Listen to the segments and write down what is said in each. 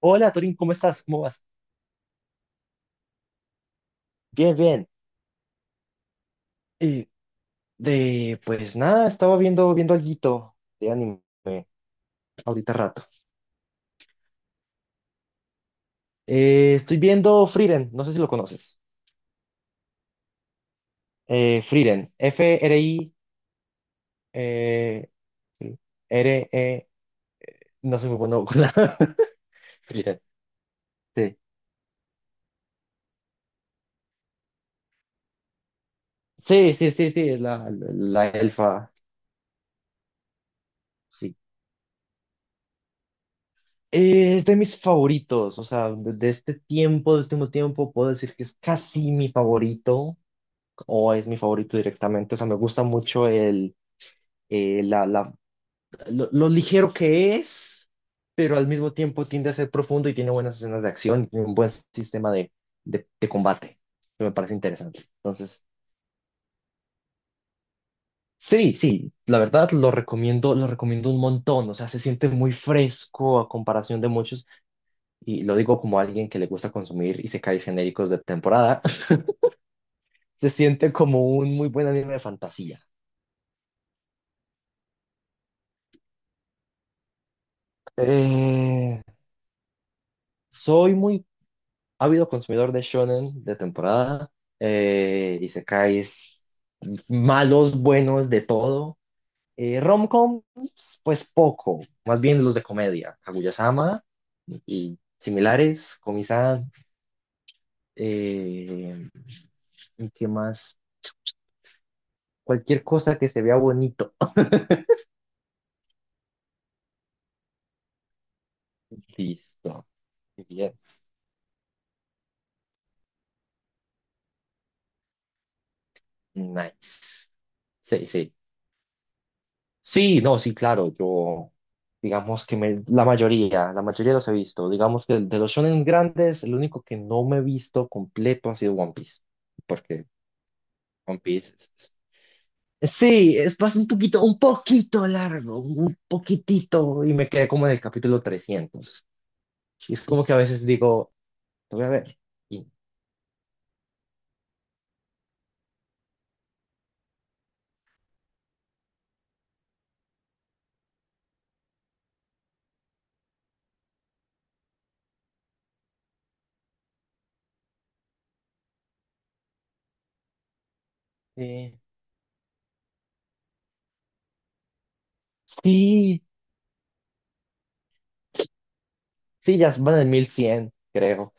Hola, Torín, ¿cómo estás? ¿Cómo vas? Bien, bien. Eh, pues nada, estaba viendo alguito de anime ahorita rato. Estoy viendo Frieren, no sé si lo conoces. Frieren, F-R-I, eh, sí, R-E, no soy muy bueno con la... Frieren, sí. Sí, sí, sí, sí, es la, la elfa, sí. Es de mis favoritos, o sea, de este tiempo, de este último tiempo, puedo decir que es casi mi favorito. O es mi favorito directamente. O sea, me gusta mucho eh, la, la- lo ligero que es, pero al mismo tiempo tiende a ser profundo y tiene buenas escenas de acción y tiene un buen sistema de combate, que me parece interesante. Entonces, sí, sí, la verdad lo recomiendo un montón. O sea, se siente muy fresco a comparación de muchos, y lo digo como alguien que le gusta consumir y isekais genéricos de temporada. Se siente como un muy buen anime de fantasía. Eh, soy muy Ha habido consumidor de shonen de temporada, isekais, malos, buenos, de todo. Romcoms, pues poco, más bien los de comedia, Kaguya-sama y similares, Komi-san, eh, ¿y qué más? Cualquier cosa que se vea bonito. Listo, bien, nice. Sí, sí. Sí, no, sí, claro, yo digamos que la mayoría los he visto. Digamos que de los shonen grandes, el único que no me he visto completo ha sido One Piece, porque One Piece Sí, es bastante un poquito largo, un poquitito, y me quedé como en el capítulo 300. Y es como que a veces digo, lo voy a ver. Y, eh, sí, sí, ya van en 1100, creo.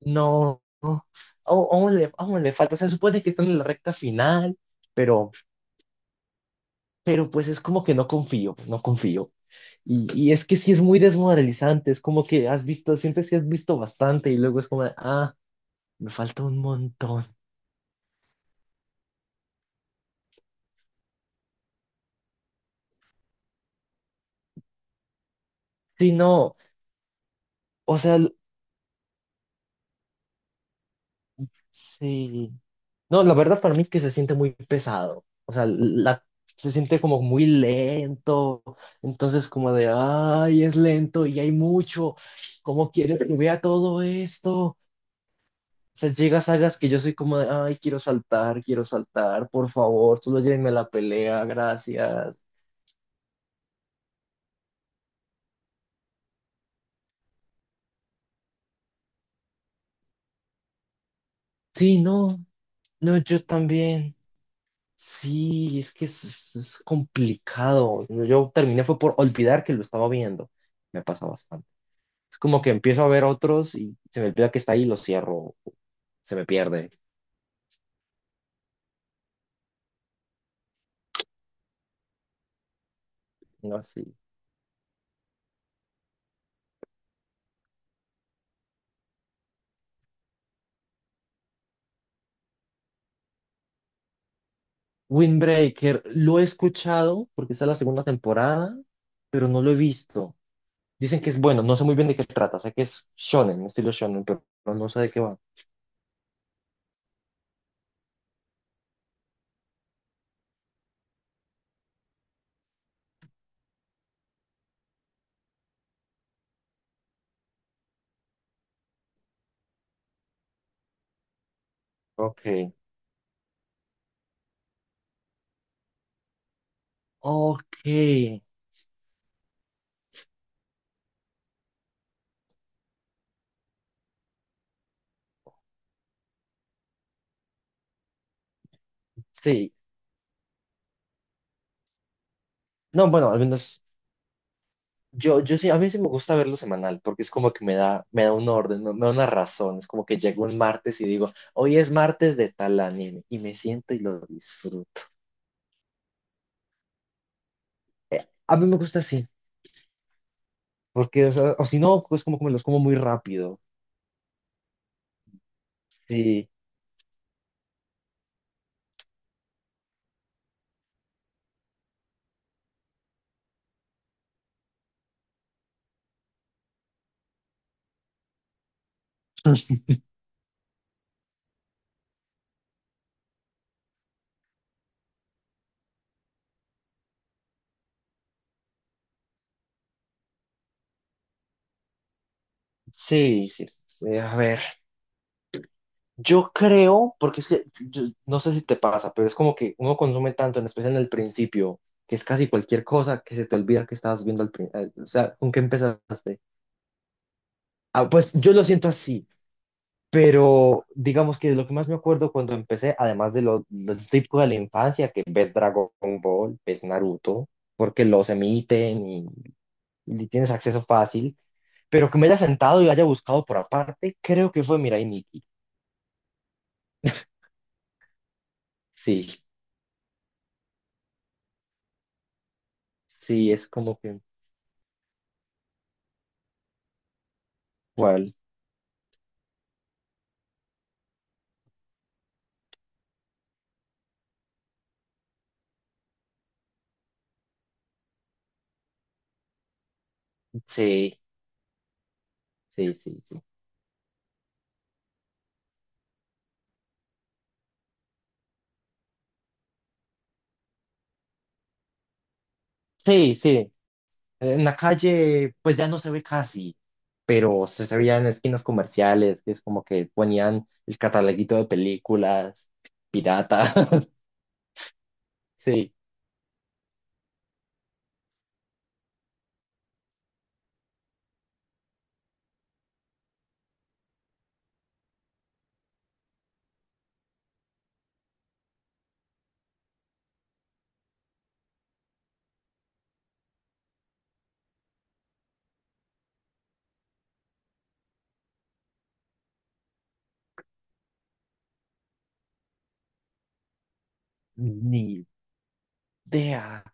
No, no. Aún le falta. Se supone que están en la recta final, pero, pero pues es como que no confío, no confío. Y es que sí es muy desmoralizante, es como que has visto, sientes que has visto bastante y luego es como, de, ah, me falta un montón. Sí, no, o sea, sí. No, la verdad para mí es que se siente muy pesado. O sea, se siente como muy lento. Entonces como de, ay, es lento y hay mucho. ¿Cómo quieres que vea todo esto? Sea, llega a sagas que yo soy como de, ay, quiero saltar, por favor, solo llévenme a la pelea, gracias. Sí, no, no, yo también. Sí, es que es, complicado. Yo terminé fue por olvidar que lo estaba viendo. Me pasa bastante. Es como que empiezo a ver otros y se me olvida que está ahí y lo cierro. Se me pierde. No, sí. Windbreaker, lo he escuchado porque está la segunda temporada, pero no lo he visto. Dicen que es bueno, no sé muy bien de qué trata, sé que es shonen, estilo shonen, pero no sé de qué va. Ok, ok, sí. No, bueno, al menos yo, yo sí, a mí sí me gusta verlo semanal, porque es como que me da un orden, me da una razón, es como que llego un martes y digo, hoy es martes de tal anime, y me siento y lo disfruto. A mí me gusta así, porque, o sea, o si no, es como que me los como muy rápido. Sí, sí, sí. Sí, a ver. Yo creo, porque es que no sé si te pasa, pero es como que uno consume tanto, en especial en el principio, que es casi cualquier cosa que se te olvida que estabas viendo al principio. O sea, ¿con qué empezaste? Ah, pues yo lo siento así, pero digamos que de lo que más me acuerdo cuando empecé, además de lo típico de la infancia, que ves Dragon Ball, ves Naruto, porque los emiten y tienes acceso fácil, pero que me haya sentado y haya buscado por aparte, creo que fue Mirai Nikki. Sí, sí, es como que. ¿Cuál? Sí, sí, sí, sí. Sí, sí. En la calle, pues ya no se ve casi, pero se veía en esquinas comerciales, que es como que ponían el cataloguito de películas piratas. Sí, ni idea.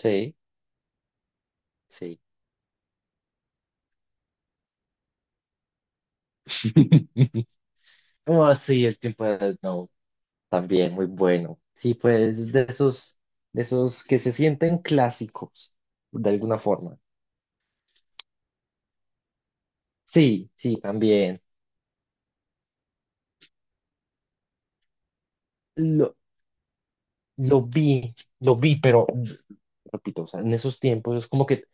Sí, sí. Oh, sí, el tiempo de no también muy bueno. Sí, pues de esos que se sienten clásicos, de alguna forma. Sí, sí, también. Lo- Lo vi, lo vi, pero repito, o sea, en esos tiempos es como que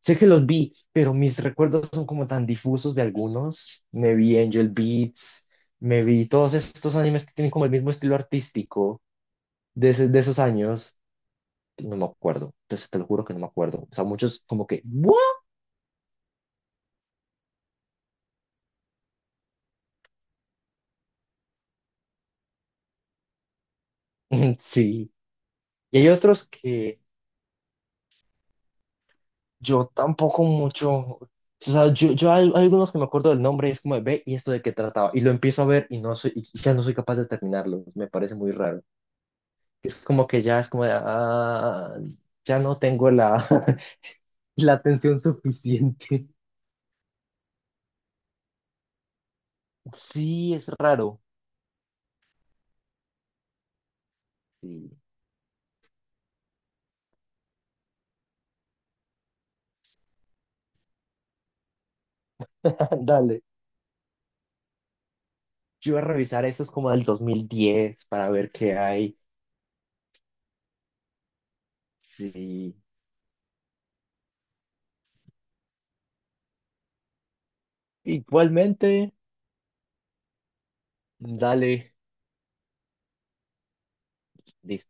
sé que los vi, pero mis recuerdos son como tan difusos de algunos. Me vi Angel Beats, me vi todos estos animes que tienen como el mismo estilo artístico de esos años. No me acuerdo, entonces te lo juro que no me acuerdo. O sea, muchos como que, ¿what? Sí. Y hay otros que Yo tampoco mucho. O sea, yo hay algunos que me acuerdo del nombre y es como de ve y esto de qué trataba. Y lo empiezo a ver y no soy, y ya no soy capaz de terminarlo. Me parece muy raro. Es como que ya es como de, ah, ya no tengo la, la atención suficiente. Sí, es raro. Sí. Dale. Yo voy a revisar eso es como del 2010 para ver qué hay. Sí. Igualmente, dale. Listo.